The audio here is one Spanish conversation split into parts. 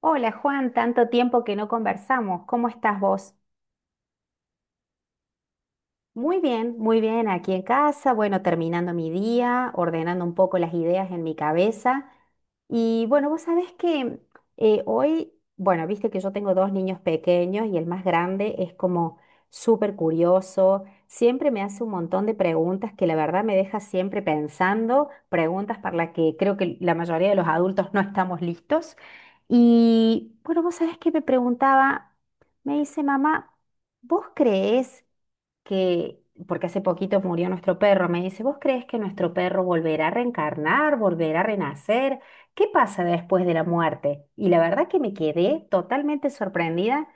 Hola Juan, tanto tiempo que no conversamos. ¿Cómo estás vos? Muy bien, aquí en casa, bueno, terminando mi día, ordenando un poco las ideas en mi cabeza. Y bueno, vos sabés que hoy, bueno, viste que yo tengo dos niños pequeños y el más grande es como súper curioso, siempre me hace un montón de preguntas que la verdad me deja siempre pensando, preguntas para las que creo que la mayoría de los adultos no estamos listos. Y bueno, vos sabés que me preguntaba, me dice, mamá, ¿vos creés? Que, porque hace poquito murió nuestro perro, me dice, ¿vos crees que nuestro perro volverá a reencarnar, volverá a renacer? ¿Qué pasa después de la muerte? Y la verdad que me quedé totalmente sorprendida,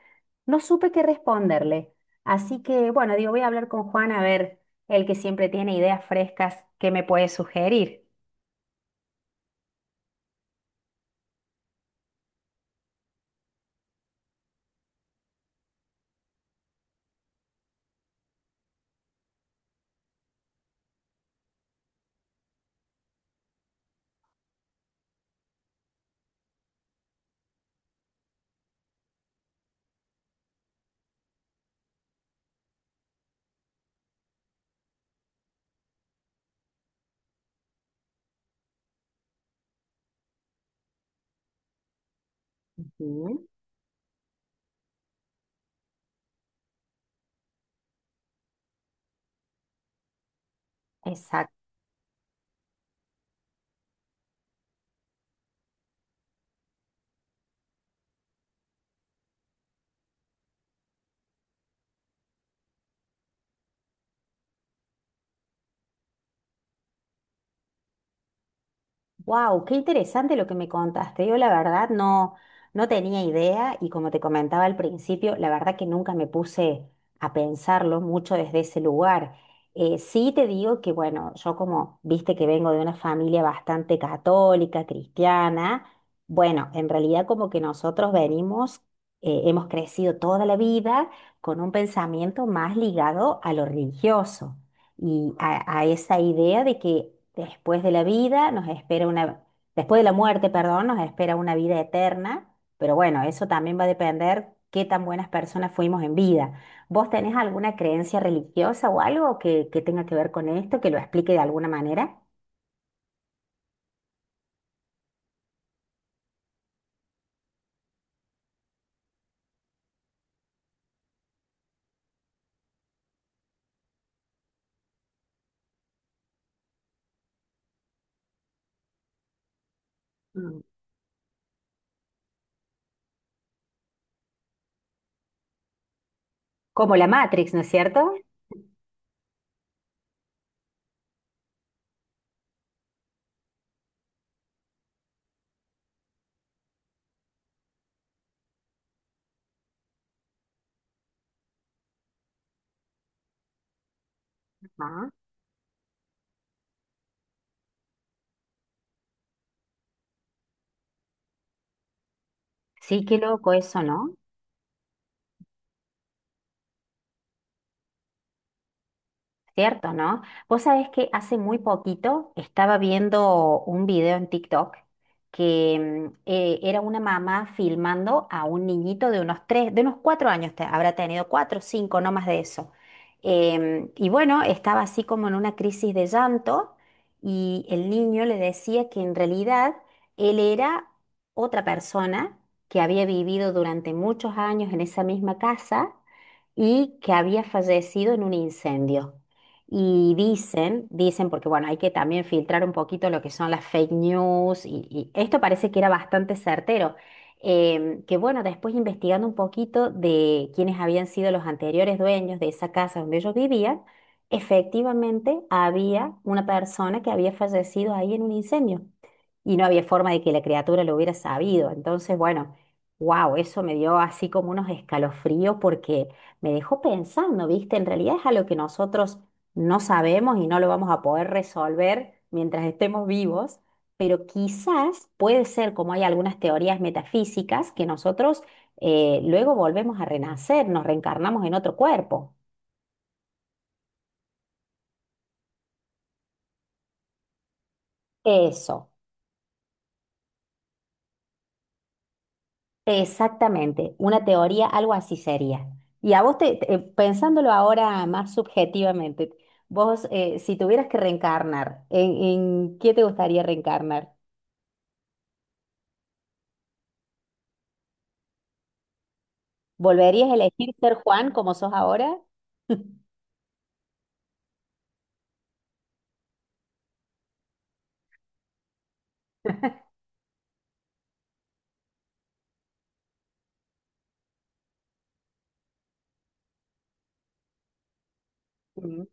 no supe qué responderle. Así que, bueno, digo, voy a hablar con Juan a ver, el que siempre tiene ideas frescas, ¿qué me puede sugerir? Ujú. Wow, qué interesante lo que me contaste. Yo la verdad no, no tenía idea y como te comentaba al principio, la verdad que nunca me puse a pensarlo mucho desde ese lugar. Sí te digo que bueno, yo como viste que vengo de una familia bastante católica, cristiana, bueno, en realidad como que nosotros venimos, hemos crecido toda la vida con un pensamiento más ligado a lo religioso y a esa idea de que después de la vida nos espera una, después de la muerte, perdón, nos espera una vida eterna, pero bueno, eso también va a depender qué tan buenas personas fuimos en vida. ¿Vos tenés alguna creencia religiosa o algo que tenga que ver con esto, que lo explique de alguna manera? Mm. Como la Matrix, ¿no es cierto? Ah, sí, qué loco eso, ¿no? Cierto, ¿no? Vos sabés que hace muy poquito estaba viendo un video en TikTok que era una mamá filmando a un niñito de unos tres, de unos cuatro años, habrá tenido cuatro, cinco, no más de eso. Y bueno, estaba así como en una crisis de llanto y el niño le decía que en realidad él era otra persona que había vivido durante muchos años en esa misma casa y que había fallecido en un incendio. Y dicen, dicen, porque bueno, hay que también filtrar un poquito lo que son las fake news y esto parece que era bastante certero. Que bueno, después investigando un poquito de quiénes habían sido los anteriores dueños de esa casa donde ellos vivían, efectivamente había una persona que había fallecido ahí en un incendio y no había forma de que la criatura lo hubiera sabido. Entonces, bueno, wow, eso me dio así como unos escalofríos porque me dejó pensando, ¿viste? En realidad es a lo que nosotros no sabemos y no lo vamos a poder resolver mientras estemos vivos, pero quizás puede ser como hay algunas teorías metafísicas que nosotros luego volvemos a renacer, nos reencarnamos en otro cuerpo. Eso, exactamente, una teoría, algo así sería. Y a vos, pensándolo ahora más subjetivamente, vos, si tuvieras que reencarnar, en qué te gustaría reencarnar? ¿Volverías a elegir ser Juan como sos ahora? Mm.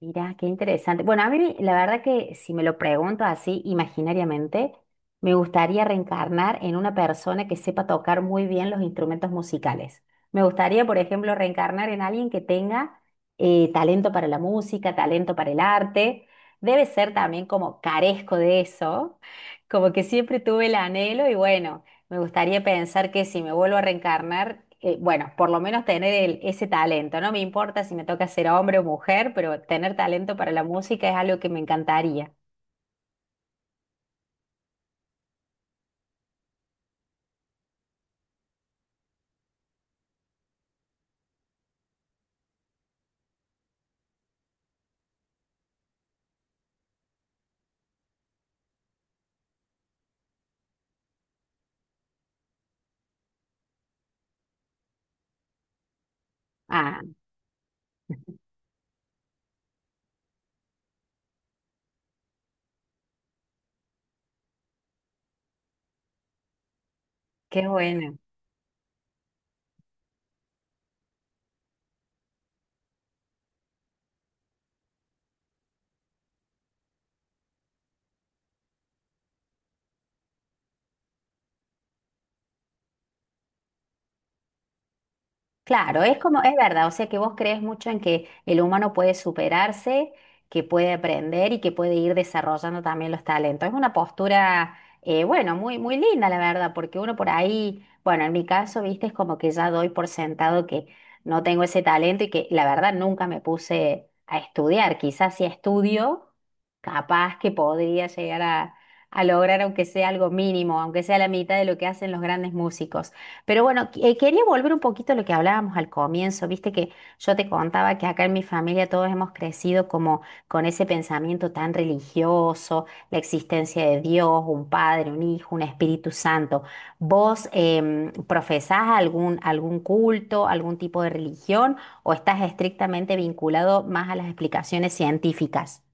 Mira, qué interesante. Bueno, a mí la verdad que si me lo pregunto así imaginariamente, me gustaría reencarnar en una persona que sepa tocar muy bien los instrumentos musicales. Me gustaría, por ejemplo, reencarnar en alguien que tenga talento para la música, talento para el arte. Debe ser también como carezco de eso, como que siempre tuve el anhelo y bueno. Me gustaría pensar que si me vuelvo a reencarnar, bueno, por lo menos tener ese talento. No me importa si me toca ser hombre o mujer, pero tener talento para la música es algo que me encantaría. Ah, qué bueno. Claro, es como, es verdad, o sea que vos crees mucho en que el humano puede superarse, que puede aprender y que puede ir desarrollando también los talentos. Es una postura, bueno, muy, muy linda, la verdad, porque uno por ahí, bueno, en mi caso, viste, es como que ya doy por sentado que no tengo ese talento y que la verdad nunca me puse a estudiar. Quizás si estudio, capaz que podría llegar a lograr, aunque sea algo mínimo, aunque sea la mitad de lo que hacen los grandes músicos. Pero bueno, quería volver un poquito a lo que hablábamos al comienzo, viste que yo te contaba que acá en mi familia todos hemos crecido como con ese pensamiento tan religioso, la existencia de Dios, un padre, un hijo, un Espíritu Santo. ¿Vos profesás algún, algún culto, algún tipo de religión o estás estrictamente vinculado más a las explicaciones científicas?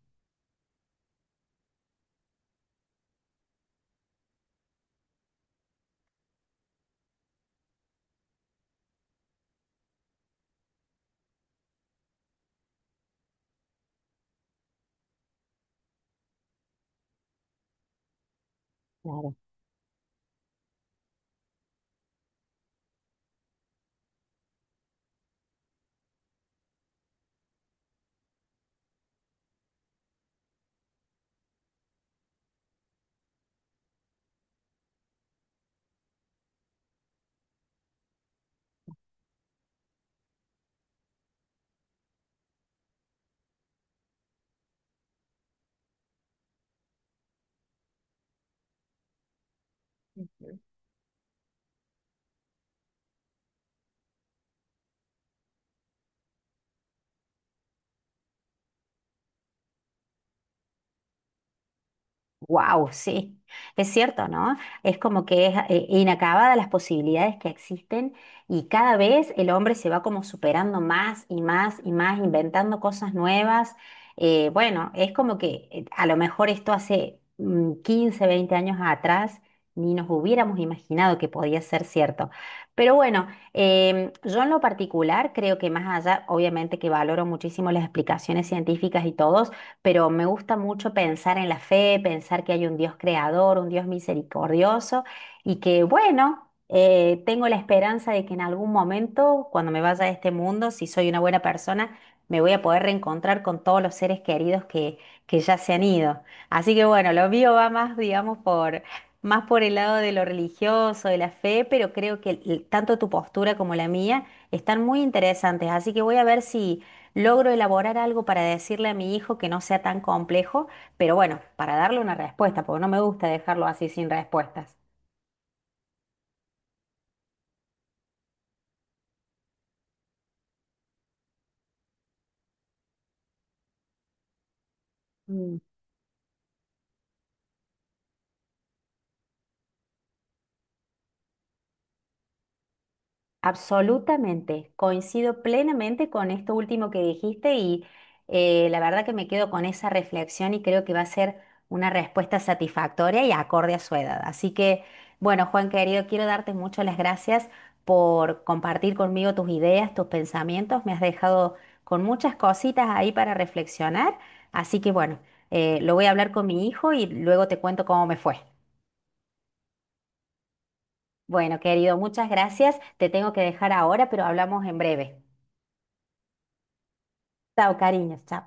Wow, sí, es cierto, ¿no? Es como que es inacabada las posibilidades que existen y cada vez el hombre se va como superando más y más y más, inventando cosas nuevas. Bueno, es como que a lo mejor esto hace 15, 20 años atrás ni nos hubiéramos imaginado que podía ser cierto. Pero bueno, yo en lo particular creo que más allá, obviamente que valoro muchísimo las explicaciones científicas y todo, pero me gusta mucho pensar en la fe, pensar que hay un Dios creador, un Dios misericordioso y que, bueno, tengo la esperanza de que en algún momento, cuando me vaya de este mundo, si soy una buena persona, me voy a poder reencontrar con todos los seres queridos que ya se han ido. Así que, bueno, lo mío va más, digamos, por... Más por el lado de lo religioso, de la fe, pero creo que tanto tu postura como la mía están muy interesantes. Así que voy a ver si, logro elaborar algo para decirle a mi hijo que no sea tan complejo, pero bueno, para darle una respuesta, porque no me gusta dejarlo así sin respuestas. Absolutamente, coincido plenamente con esto último que dijiste y la verdad que me quedo con esa reflexión y creo que va a ser una respuesta satisfactoria y acorde a su edad. Así que, bueno, Juan querido, quiero darte muchas las gracias por compartir conmigo tus ideas, tus pensamientos. Me has dejado con muchas cositas ahí para reflexionar. Así que, bueno, lo voy a hablar con mi hijo y luego te cuento cómo me fue. Bueno, querido, muchas gracias. Te tengo que dejar ahora, pero hablamos en breve. Chao, cariños, chao.